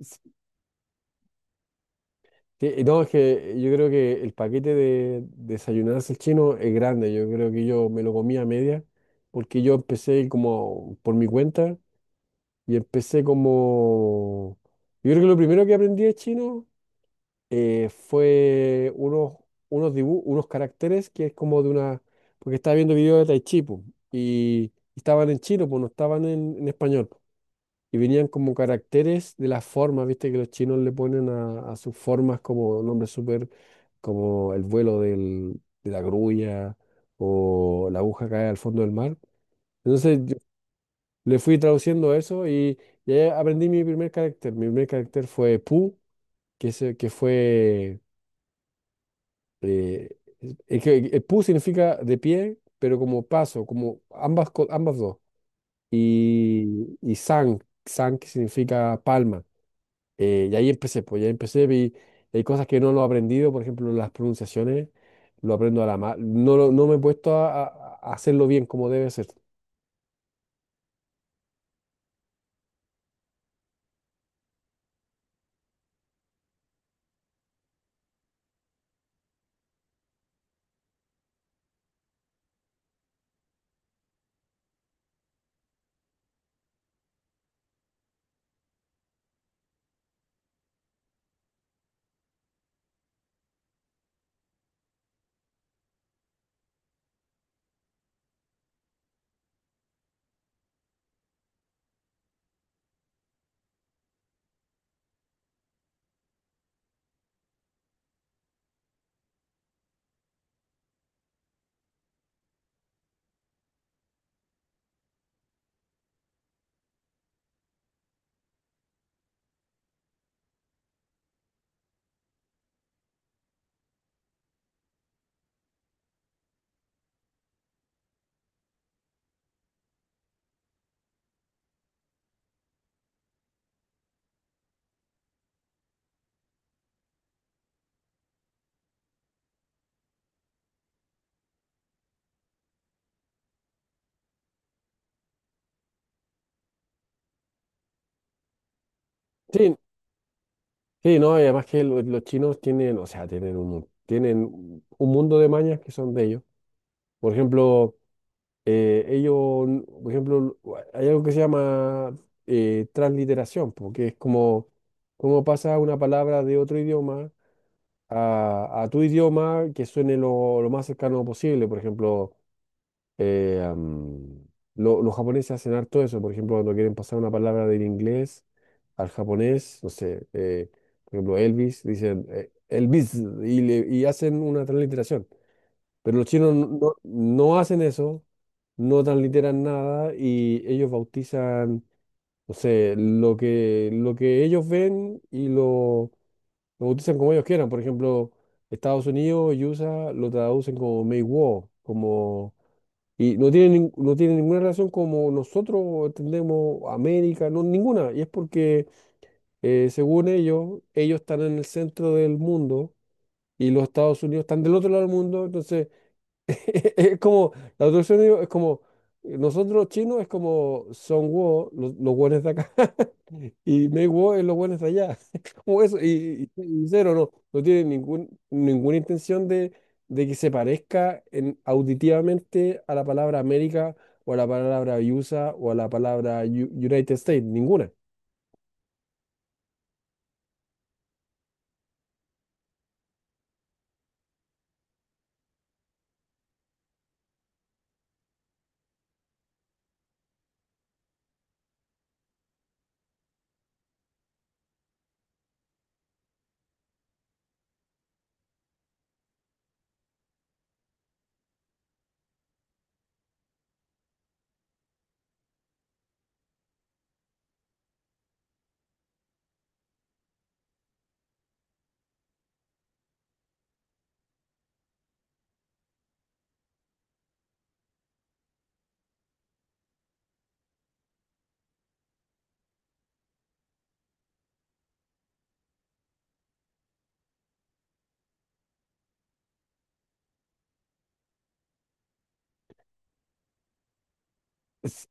S- No, es que yo creo que el paquete de desayunarse el chino es grande. Yo creo que yo me lo comí a media, porque yo empecé como por mi cuenta y empecé como... Yo creo que lo primero que aprendí de chino fue unos, unos dibujos, unos caracteres que es como de una... Porque estaba viendo videos de Tai Chi, po, y estaban en chino, pues no estaban en español. Y venían como caracteres de las formas, viste que los chinos le ponen a sus formas como nombres súper, como el vuelo de la grulla o la aguja cae al fondo del mar. Entonces yo le fui traduciendo eso y ahí aprendí mi primer carácter. Mi primer carácter fue Pu, que, que fue... eh, es que el Pu significa de pie, pero como paso, como ambas, ambas dos. Y Sang, Sang que significa palma. Y ahí empecé, pues ya empecé, vi, hay cosas que no lo he aprendido, por ejemplo, las pronunciaciones, lo aprendo a la no, no me he puesto a, a hacerlo bien como debe ser. Sí, sí, no, y además que los chinos tienen, o sea, tienen un, tienen un mundo de mañas que son de ellos. Por ejemplo, ellos, por ejemplo, hay algo que se llama transliteración, porque es como, como pasa una palabra de otro idioma a tu idioma que suene lo más cercano posible. Por ejemplo, Eh, am, los japoneses hacen harto eso, por ejemplo, cuando quieren pasar una palabra del inglés al japonés, no sé, por ejemplo, Elvis, dicen Elvis y, y hacen una transliteración. Pero los chinos no, no hacen eso, no transliteran nada y ellos bautizan, no sé, lo que ellos ven y lo bautizan como ellos quieran. Por ejemplo, Estados Unidos y USA lo traducen como Meiwo, como y no tiene, no tiene ninguna relación como nosotros entendemos América, no, ninguna. Y es porque, según ellos, ellos están en el centro del mundo y los Estados Unidos están del otro lado del mundo. Entonces, es como, la traducción de ellos es como, nosotros los chinos es como son los hueones de acá. Y Make War es los buenos de allá. Como eso. Y, y cero, no. No tiene ningún, ninguna intención de que se parezca en, auditivamente a la palabra América o a la palabra USA o a la palabra United States. Ninguna. Es-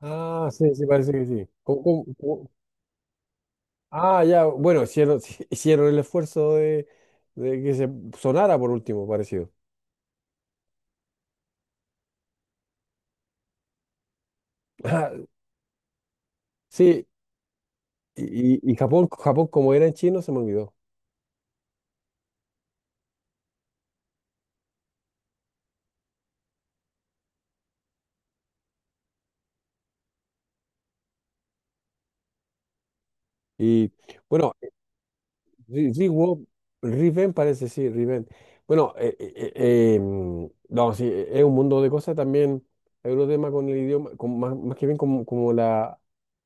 Ah, sí, sí, parece que sí. Cómo? Ah, ya. Bueno, hicieron, hicieron el esfuerzo de que se sonara por último, parecido. Ah, sí. Y, y Japón, Japón, como era en chino, se me olvidó. Y bueno, Ri- Riwo- Riven parece, sí, Riven. Bueno, no, sí, es un mundo de cosas también. Hay otro tema con el idioma, con, más, más que bien como, como la,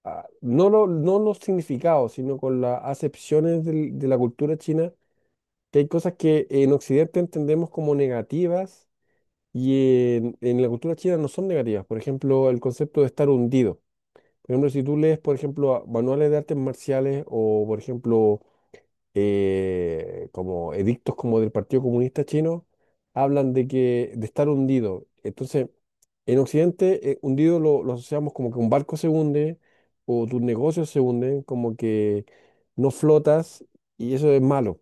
ah, no, no los significados, sino con las acepciones de la cultura china, que hay cosas que en Occidente entendemos como negativas y en la cultura china no son negativas. Por ejemplo, el concepto de estar hundido. Por ejemplo, si tú lees, por ejemplo, manuales de artes marciales o, por ejemplo, como edictos como del Partido Comunista Chino, hablan de que de estar hundido. Entonces, en Occidente, hundido lo asociamos como que un barco se hunde o tus negocios se hunden, como que no flotas y eso es malo.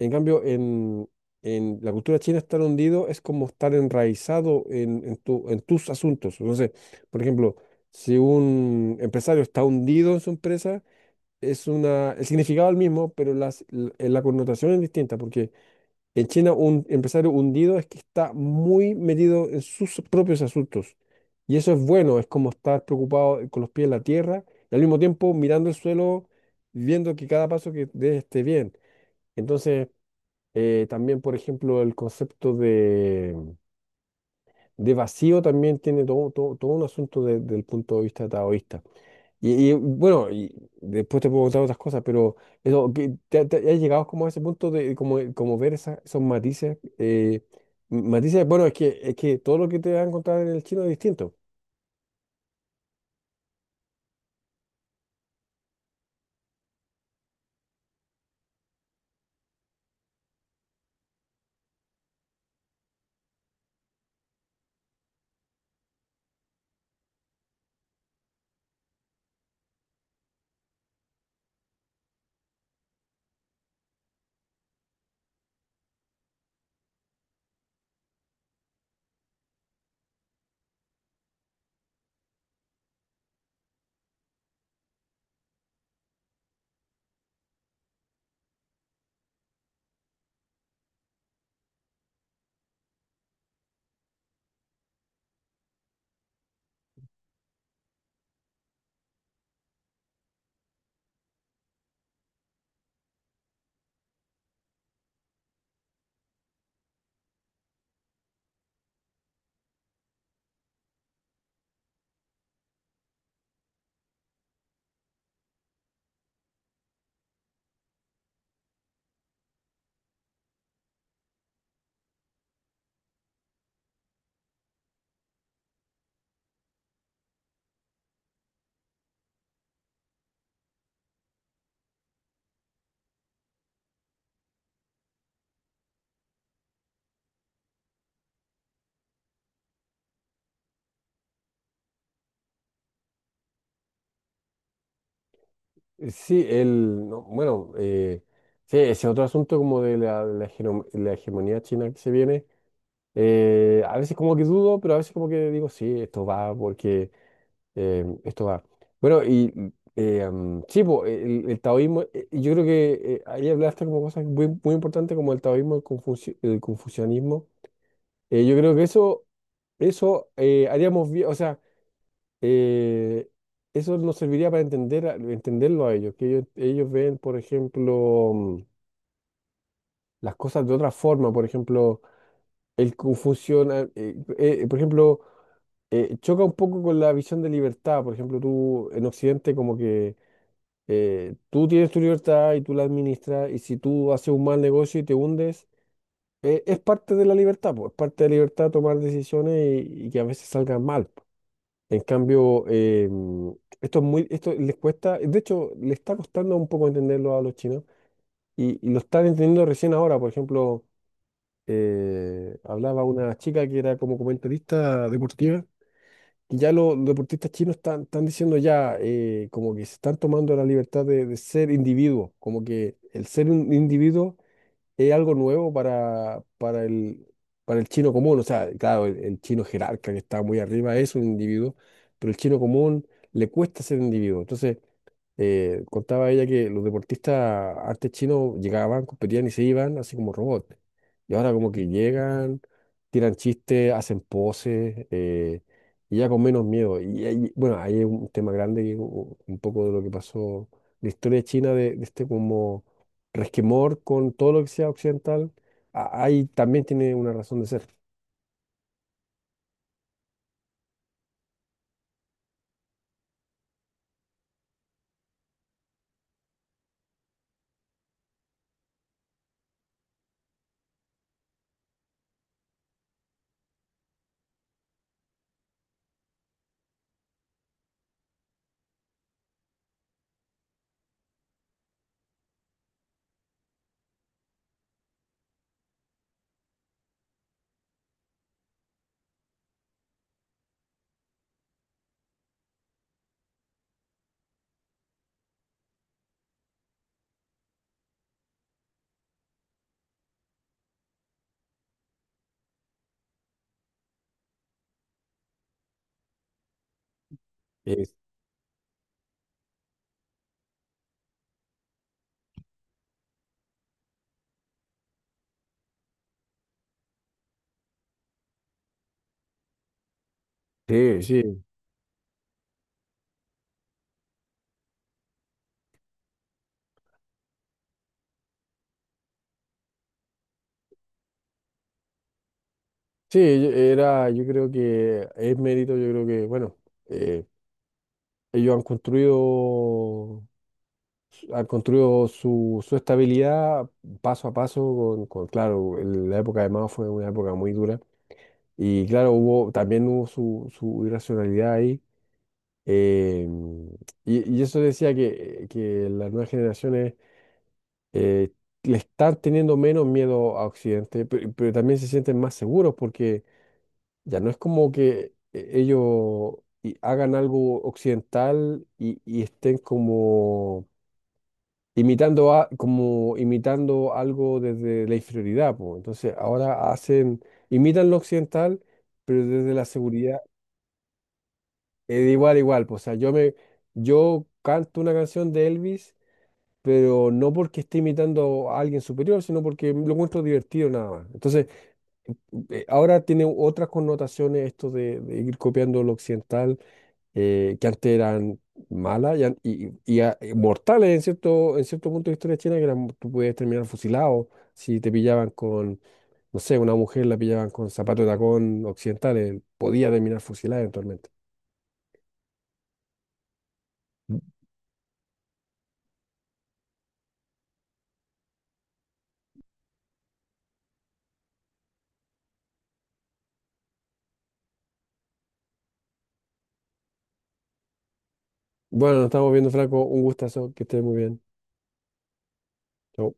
En cambio, en la cultura china estar hundido es como estar enraizado en tu, en tus asuntos. Entonces, por ejemplo, si un empresario está hundido en su empresa, es una, el significado es el mismo, pero las, la, connotación es distinta, porque en China un empresario hundido es que está muy metido en sus propios asuntos. Y eso es bueno, es como estar preocupado con los pies en la tierra y al mismo tiempo mirando el suelo, viendo que cada paso que dé esté bien. Entonces, también, por ejemplo, el concepto de vacío también tiene todo, todo, todo un asunto del punto de vista taoísta. Y, bueno, y después te puedo contar otras cosas, pero eso, que te, has llegado como a ese punto de como, como ver esos matices. Matices, bueno, es que todo lo que te van a encontrar en el chino es distinto. Sí, el, no, bueno, sí, ese otro asunto como de la, la, la hegemonía china que se viene, a veces como que dudo, pero a veces como que digo, sí, esto va porque... esto va. Bueno, y sí, po, el taoísmo, yo creo que ahí hablaste como cosas muy, muy importantes como el taoísmo, el, el confucianismo. Yo creo que eso haríamos bien, o sea, eh, eso nos serviría para entender, entenderlo a ellos, que ellos ven, por ejemplo, las cosas de otra forma, por ejemplo, el confusión, por ejemplo, choca un poco con la visión de libertad, por ejemplo, tú en Occidente como que tú tienes tu libertad y tú la administras, y si tú haces un mal negocio y te hundes, es parte de la libertad, pues, es parte de la libertad tomar decisiones y que a veces salgan mal. Po. En cambio, esto es muy, esto les cuesta, de hecho, les está costando un poco entenderlo a los chinos y lo están entendiendo recién ahora. Por ejemplo, hablaba una chica que era como comentarista deportiva que ya los deportistas chinos están, están diciendo ya, como que se están tomando la libertad de ser individuos, como que el ser un individuo es algo nuevo para el chino común. O sea, claro, el chino jerarca que está muy arriba es un individuo, pero el chino común le cuesta ser individuo. Entonces, contaba ella que los deportistas antes chinos llegaban, competían y se iban así como robots. Y ahora como que llegan, tiran chistes, hacen poses, y ya con menos miedo. Y, bueno, ahí es un tema grande, que un poco de lo que pasó, la historia de China, de este como resquemor con todo lo que sea occidental, ahí también tiene una razón de ser. Eh, Sí, sí. Sí, era, yo creo que es mérito, yo creo que, bueno, eh, ellos han construido su, su estabilidad paso a paso con, claro, la época de Mao fue una época muy dura y claro, hubo, también hubo su, su irracionalidad ahí. eh, y eso decía que las nuevas generaciones eh, le están teniendo menos miedo a Occidente, pero también se sienten más seguros porque ya no es como que ellos hagan algo occidental y estén como imitando a, como imitando algo desde la inferioridad, po. Entonces ahora hacen, imitan lo occidental, pero desde la seguridad, de igual a igual, po. O sea, yo me, yo canto una canción de Elvis, pero no porque esté imitando a alguien superior, sino porque lo encuentro divertido nada más. Entonces, ahora tiene otras connotaciones esto de ir copiando lo occidental que antes eran malas y, mortales en cierto punto de la historia china, que eran, tú podías terminar fusilado si te pillaban con, no sé, una mujer la pillaban con zapatos de tacón occidentales, podía terminar fusilada eventualmente. Bueno, nos estamos viendo, Franco, un gustazo, que estés muy bien. Chau.